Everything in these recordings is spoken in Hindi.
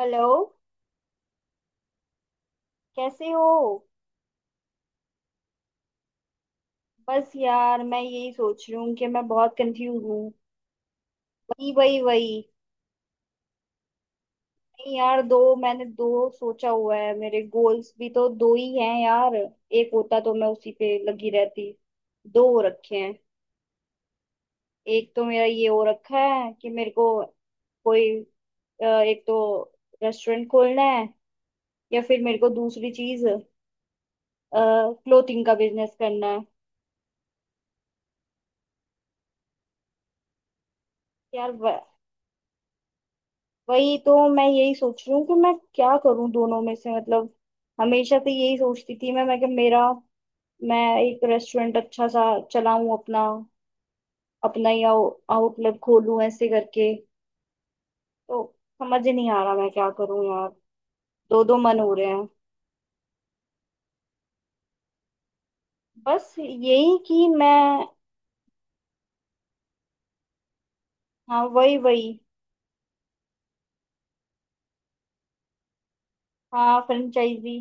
हेलो। कैसे हो? बस यार मैं यही सोच रही हूँ कि मैं बहुत कंफ्यूज हूँ। वही वही वही। नहीं यार, दो, मैंने दो सोचा हुआ है, मेरे गोल्स भी तो दो ही हैं यार। एक होता तो मैं उसी पे लगी रहती। दो हो रखे हैं। एक तो मेरा ये हो रखा है कि मेरे को कोई, एक तो रेस्टोरेंट खोलना है, या फिर मेरे को दूसरी चीज क्लोथिंग का बिजनेस करना है। यार, वही तो मैं यही सोच रही हूँ कि मैं क्या करूँ दोनों में से। मतलब हमेशा से यही सोचती थी मैं कि मेरा, मैं एक रेस्टोरेंट अच्छा सा चलाऊं, अपना अपना ही आउटलेट खोलूं ऐसे करके। तो समझ ही नहीं आ रहा मैं क्या करूं यार। दो दो मन हो रहे हैं। बस यही कि मैं। हाँ वही वही। हाँ, फ्रेंचाइजी।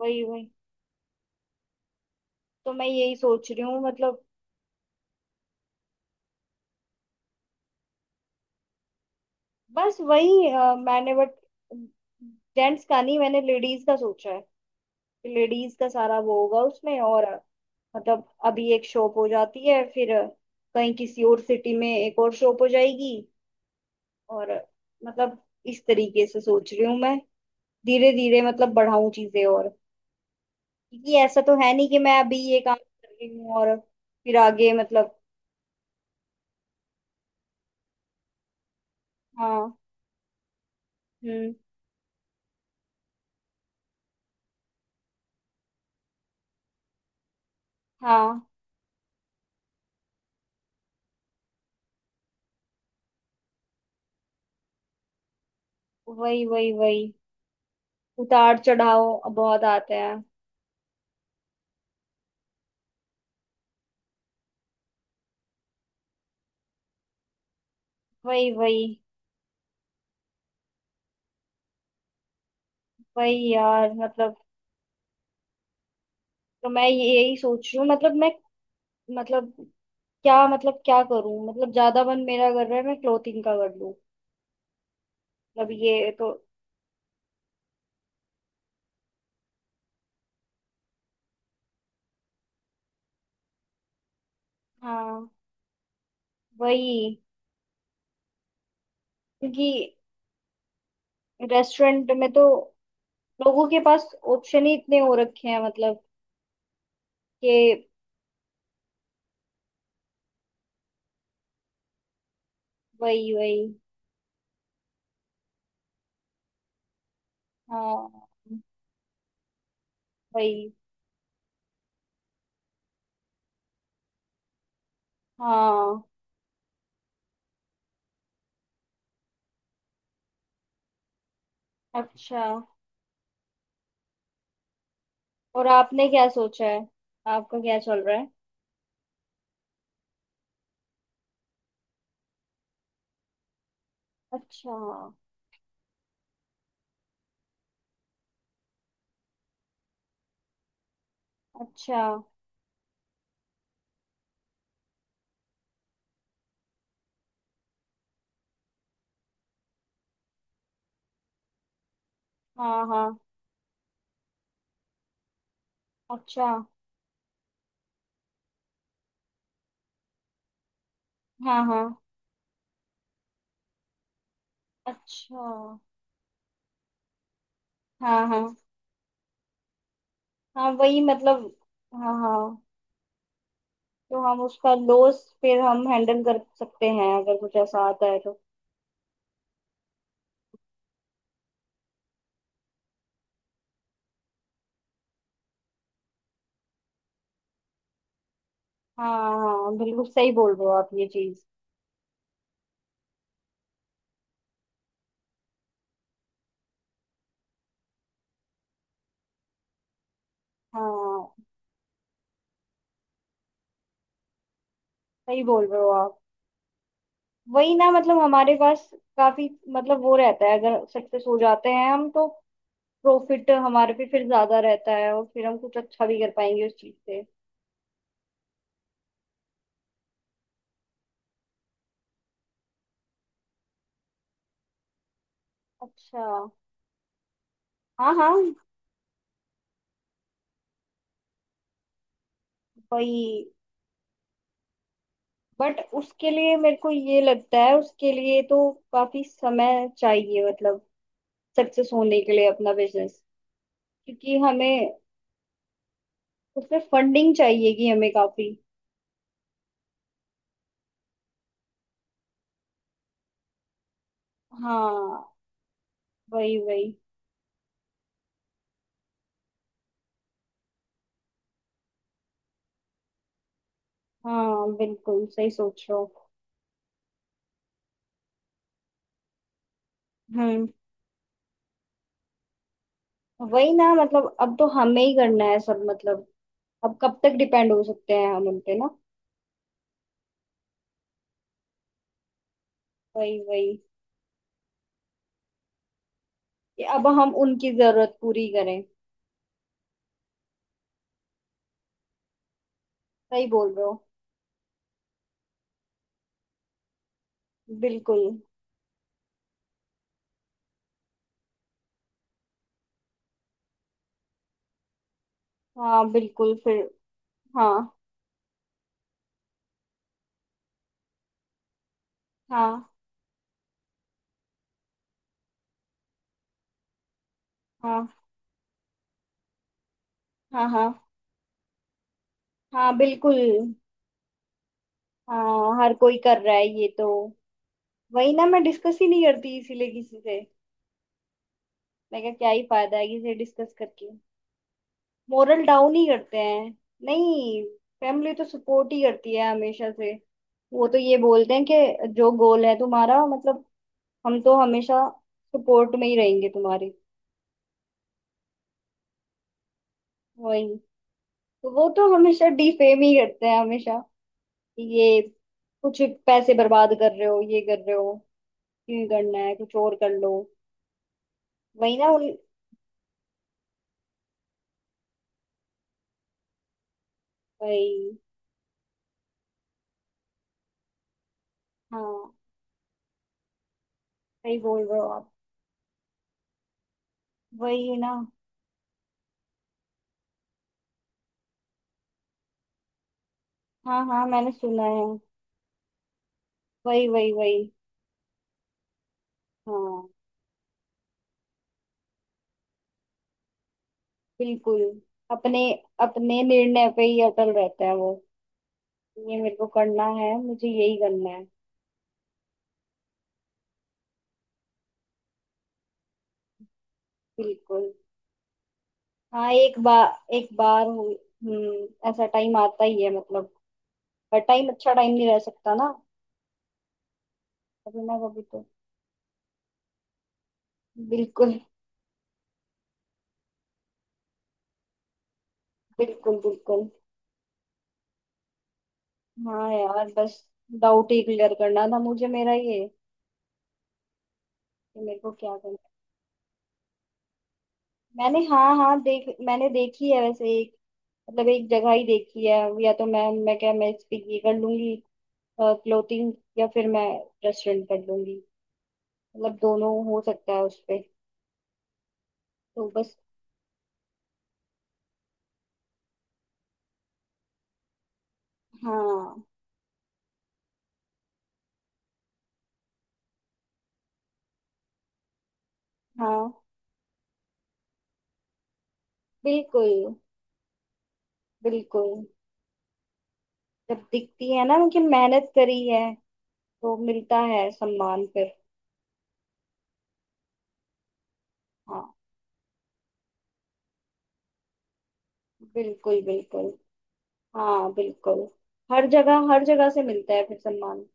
वही वही। तो मैं यही सोच रही हूँ मतलब। बस वही मैंने, बट जेंट्स का नहीं, मैंने लेडीज का सोचा है। लेडीज का सारा वो होगा उसमें। और मतलब अभी एक शॉप हो जाती है, फिर कहीं किसी और सिटी में एक और शॉप हो जाएगी, और मतलब इस तरीके से सोच रही हूँ मैं। धीरे धीरे मतलब बढ़ाऊं चीजें। और क्योंकि ऐसा तो है नहीं कि मैं अभी ये काम कर रही हूँ और फिर आगे मतलब। हाँ। हम्म। हाँ वही वही वही। उतार चढ़ाव बहुत आते हैं। वही वही वही यार मतलब। तो मैं यही सोच रही हूँ मतलब मैं, मतलब क्या, मतलब क्या करूं? मतलब ज्यादा मन मेरा कर रहा है मैं क्लोथिंग का कर लूं। मतलब ये तो। हाँ वही। क्योंकि रेस्टोरेंट में तो लोगों के पास ऑप्शन ही इतने हो रखे हैं मतलब कि। वही वही। हाँ वही। हाँ अच्छा। और आपने क्या सोचा है? आपका क्या चल रहा है? अच्छा अच्छा। हाँ हाँ। अच्छा। हाँ हाँ। अच्छा। हाँ हाँ हाँ। वही मतलब। हाँ हाँ। तो हम उसका लॉस फिर हम हैंडल कर सकते हैं अगर कुछ ऐसा आता है तो। हाँ हाँ, बिल्कुल सही बोल रहे हो आप ये चीज। हाँ सही बोल रहे हो आप। वही ना, मतलब हमारे पास काफी, मतलब वो रहता है, अगर सक्सेस हो जाते हैं हम तो प्रॉफिट हमारे पे फिर ज्यादा रहता है, और फिर हम कुछ अच्छा भी कर पाएंगे उस चीज से। अच्छा। हाँ हाँ। वही, बट उसके लिए मेरे को ये लगता है, उसके लिए तो काफी समय चाहिए मतलब, सक्सेस होने के लिए अपना बिजनेस। क्योंकि हमें उसमें फंडिंग चाहिएगी हमें काफी। हाँ वही वही। हाँ बिल्कुल सही सोच रहे हो। हम्म। वही ना, मतलब अब तो हमें ही करना है सब मतलब। अब कब तक डिपेंड हो सकते हैं हम उन पे ना। वही वही। कि अब हम उनकी जरूरत पूरी करें। सही बोल रहे हो। बिल्कुल। हाँ बिल्कुल फिर। हाँ हाँ। हाँ हाँ। हाँ हाँ बिल्कुल। हाँ हर कोई कर रहा है ये तो। वही ना, मैं डिस्कस ही नहीं करती इसीलिए किसी से। मैं क्या क्या ही फायदा है किसे डिस्कस करके। मोरल डाउन ही करते हैं। नहीं। फैमिली तो सपोर्ट ही करती है हमेशा से। वो तो ये बोलते हैं कि जो गोल है तुम्हारा मतलब, हम तो हमेशा सपोर्ट में ही रहेंगे तुम्हारे। वही। तो वो तो हमेशा डिफेम ही करते हैं हमेशा, कि ये कुछ पैसे बर्बाद कर रहे हो, ये कर रहे हो, क्यों करना है, कुछ और कर लो। वही ना उन। वही। हाँ सही बोल रहे हो आप। वही ना। हाँ हाँ मैंने सुना है। वही वही वही। हाँ बिल्कुल। अपने अपने निर्णय पे ही अटल रहता है वो। ये मेरे को करना है, मुझे यही करना है। बिल्कुल। हाँ, हम्म, ऐसा टाइम आता ही है मतलब, हर टाइम अच्छा टाइम नहीं रह सकता ना। कभी ना कभी तो। बिल्कुल बिल्कुल। बिल्कुल। हाँ यार, बस डाउट ही क्लियर करना था मुझे मेरा ये, कि मेरे को क्या करना है। मैंने, हाँ हाँ देख, मैंने देखी है वैसे एक, मतलब एक जगह ही देखी है। या तो मैं इस पे ये कर लूंगी, क्लोथिंग, या फिर मैं रेस्टोरेंट कर लूंगी। मतलब दोनों हो सकता है उस पे। तो बस। हाँ हाँ। बिल्कुल बिल्कुल। जब दिखती है ना कि मेहनत करी है, तो मिलता है सम्मान फिर। हाँ बिल्कुल बिल्कुल। हाँ बिल्कुल। हर जगह, हर जगह से मिलता है फिर सम्मान।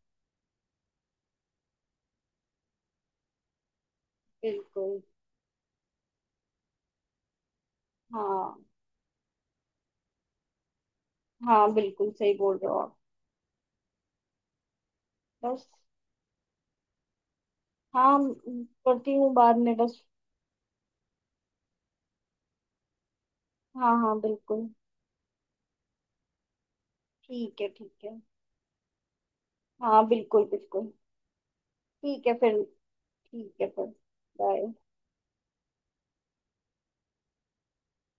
बिल्कुल। हाँ हाँ बिल्कुल सही बोल रहे हो आप। बस। हाँ करती हूँ बाद में बस। हाँ हाँ बिल्कुल। ठीक है ठीक है। हाँ बिल्कुल बिल्कुल। ठीक है फिर। ठीक है फिर। बाय।